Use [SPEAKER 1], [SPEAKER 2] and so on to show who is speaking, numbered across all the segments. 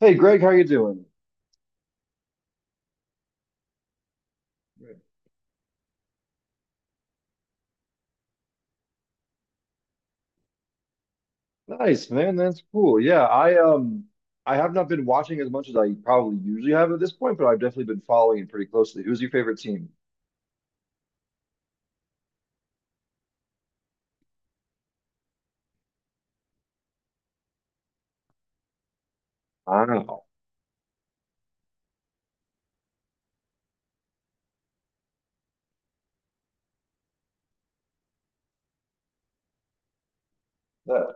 [SPEAKER 1] Hey Greg, how you doing? Good. Nice, man. That's cool. Yeah, I have not been watching as much as I probably usually have at this point, but I've definitely been following it pretty closely. Who's your favorite team? Wow. Yeah.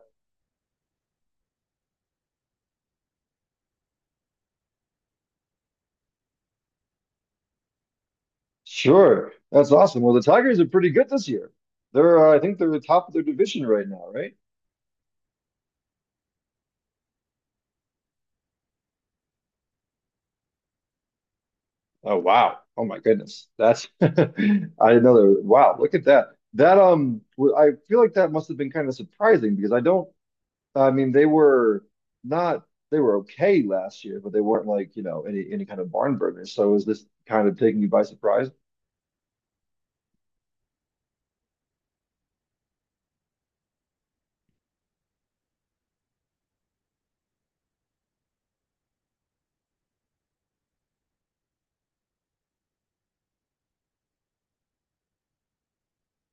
[SPEAKER 1] Sure. That's awesome. Well, the Tigers are pretty good this year. They're I think they're the top of their division right now, right? Oh wow. Oh my goodness. That's I didn't know that. Wow, look at that. I feel like that must have been kind of surprising because I mean, they were not they were okay last year, but they weren't like, you know, any kind of barn burners. So is this kind of taking you by surprise?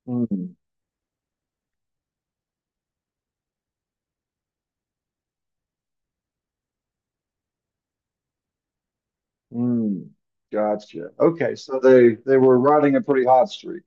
[SPEAKER 1] Mm, mm, gotcha. Okay, so they were riding a pretty hot streak.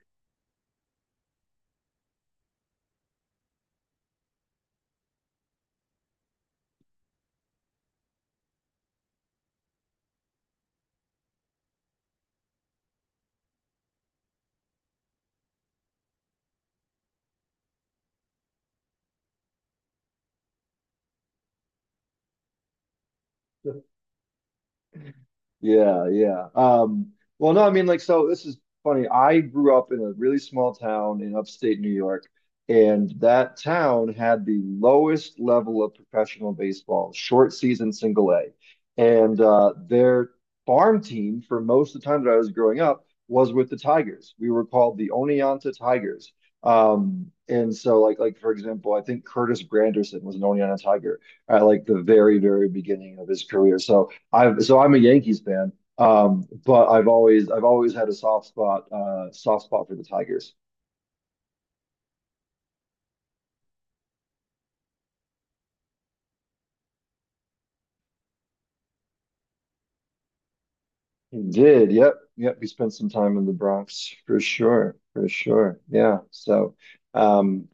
[SPEAKER 1] Yeah, yeah. Well, no, I mean, like, so this is funny. I grew up in a really small town in upstate New York, and that town had the lowest level of professional baseball, short season single A. And their farm team for most of the time that I was growing up was with the Tigers. We were called the Oneonta Tigers. And so like for example, I think Curtis Granderson was an Oneonta Tiger at like the very, very beginning of his career. So I've so I'm a Yankees fan, but I've always had a soft spot for the Tigers. He did, yep, yep. He spent some time in the Bronx for sure, for sure. Yeah. So, um,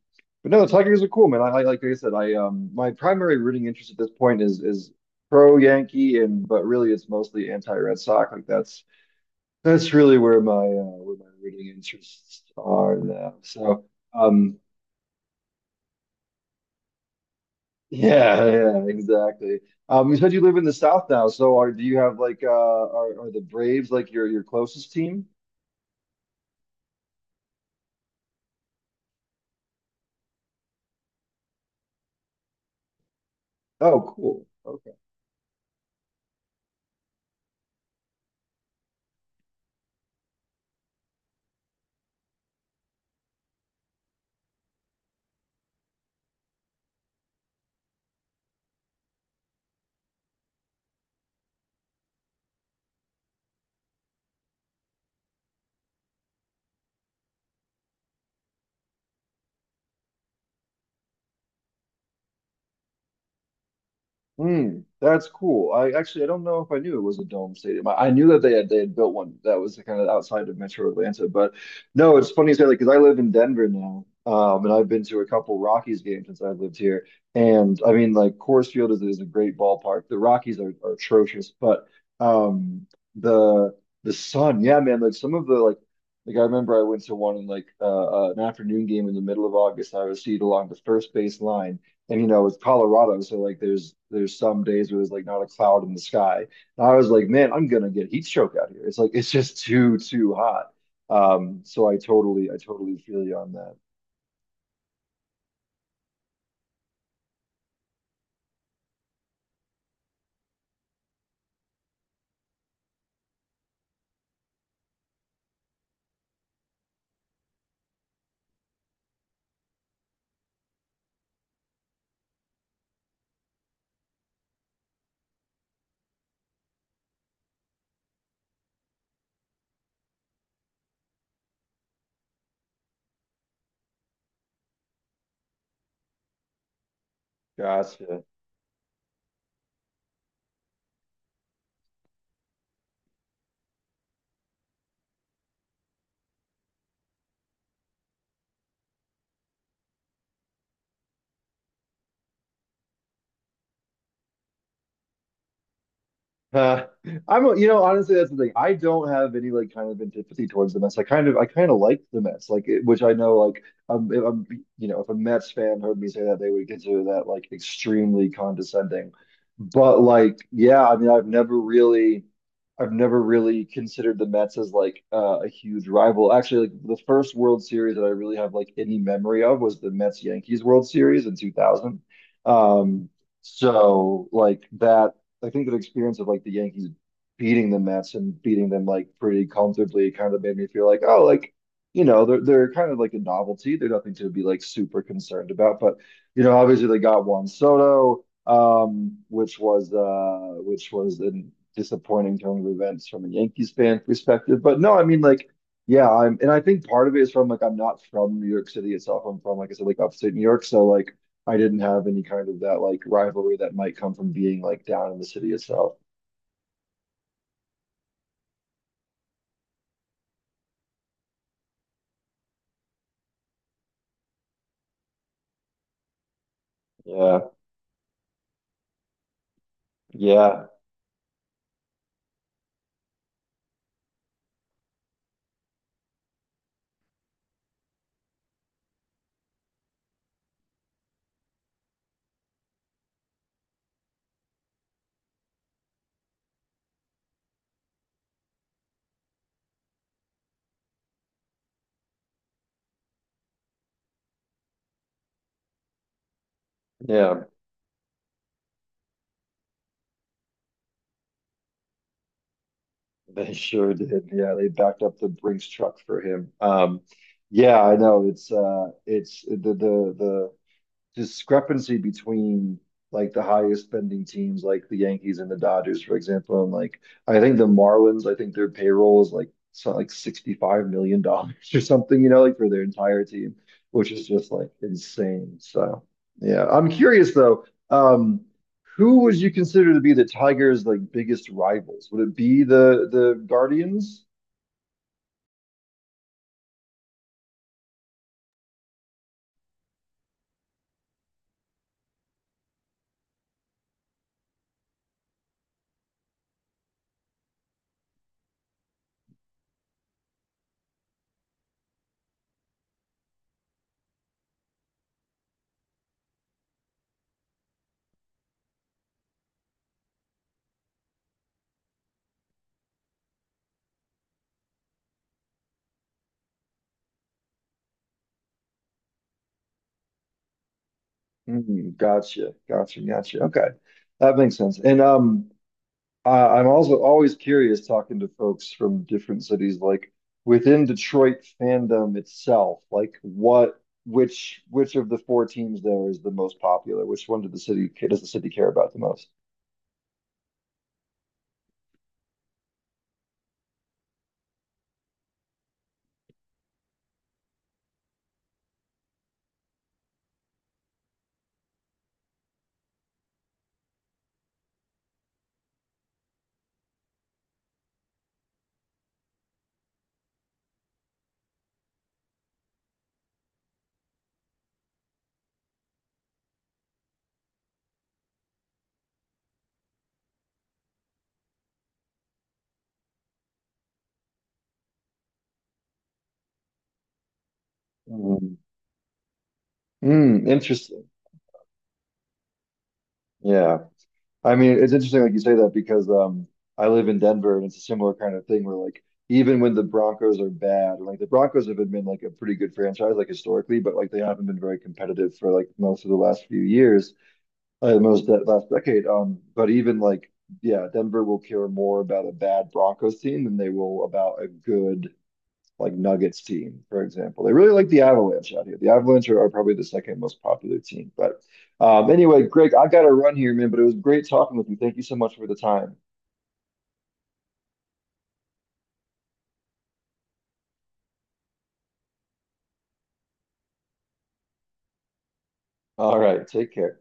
[SPEAKER 1] but no, the Tigers are cool, man. I, like I said, I my primary rooting interest at this point is pro Yankee, and but really it's mostly anti-Red Sox. Like that's really where my rooting interests are now. So. Um, Yeah, yeah, exactly. You said you live in the South now, so are do you have like are the Braves like your closest team? Oh, cool. Okay. Mm, that's cool. I don't know if I knew it was a dome stadium. I knew that they had built one that was kind of outside of Metro Atlanta, but no, it's funny you say that because I live in Denver now, and I've been to a couple Rockies games since I've lived here, and I mean like Coors Field is a great ballpark. The Rockies are atrocious, but um, the Sun, yeah, man, like some of the, I remember I went to one in like an afternoon game in the middle of August. I was seated along the first base line, and you know it's Colorado, so like there's some days where there's like not a cloud in the sky. And I was like, man, I'm gonna get heat stroke out here. It's like it's just too hot. So I totally feel you on that. Gotcha. Uh, you know, honestly, that's the thing. I don't have any like kind of antipathy towards the Mets. I kind of like the Mets, like it, which I know, like, if I'm, you know, if a Mets fan heard me say that, they would consider that like extremely condescending. But like, yeah, I mean, I've never really considered the Mets as like a huge rival. Actually, like the first World Series that I really have like any memory of was the Mets Yankees World Series in 2000. Um, so like that I think the experience of like the Yankees beating the Mets and beating them like pretty comfortably kind of made me feel like, oh, like, you know, they're kind of like a novelty. They're nothing to be like super concerned about. But, you know, obviously they got Juan Soto, which was which was a disappointing turn of events from a Yankees fan perspective. But no, I mean like yeah, I'm and I think part of it is from like I'm not from New York City itself. I'm from, like I said, like upstate New York. So like I didn't have any kind of that like rivalry that might come from being like down in the city itself. Yeah, yeah, yeah. They sure did. Yeah, they backed up the Brinks truck for him. Yeah, I know. It's the discrepancy between like the highest spending teams like the Yankees and the Dodgers, for example. And like I think the Marlins, I think their payroll is like so like $65 million dollars or something, you know, like for their entire team, which is just like insane. So yeah. I'm curious though, um, who would you consider to be the Tigers' like biggest rivals? Would it be the Guardians? Mm, gotcha, gotcha, gotcha. Okay. That makes sense. And I'm also always curious talking to folks from different cities, like within Detroit fandom itself, which of the four teams there is the most popular? Which one did does the city care about the most? Mm. Mm, interesting. Yeah. I mean, it's interesting, like you say that because I live in Denver and it's a similar kind of thing where, like, even when the Broncos are bad, like the Broncos have been like a pretty good franchise, like historically, but like they haven't been very competitive for like most of the last few years. Most that last decade. But even like, yeah, Denver will care more about a bad Broncos team than they will about a good like Nuggets team, for example. They really like the Avalanche out here. The Avalanche are probably the second most popular team. But anyway, Greg, I got to run here, man. But it was great talking with you. Thank you so much for the time. All right, take care.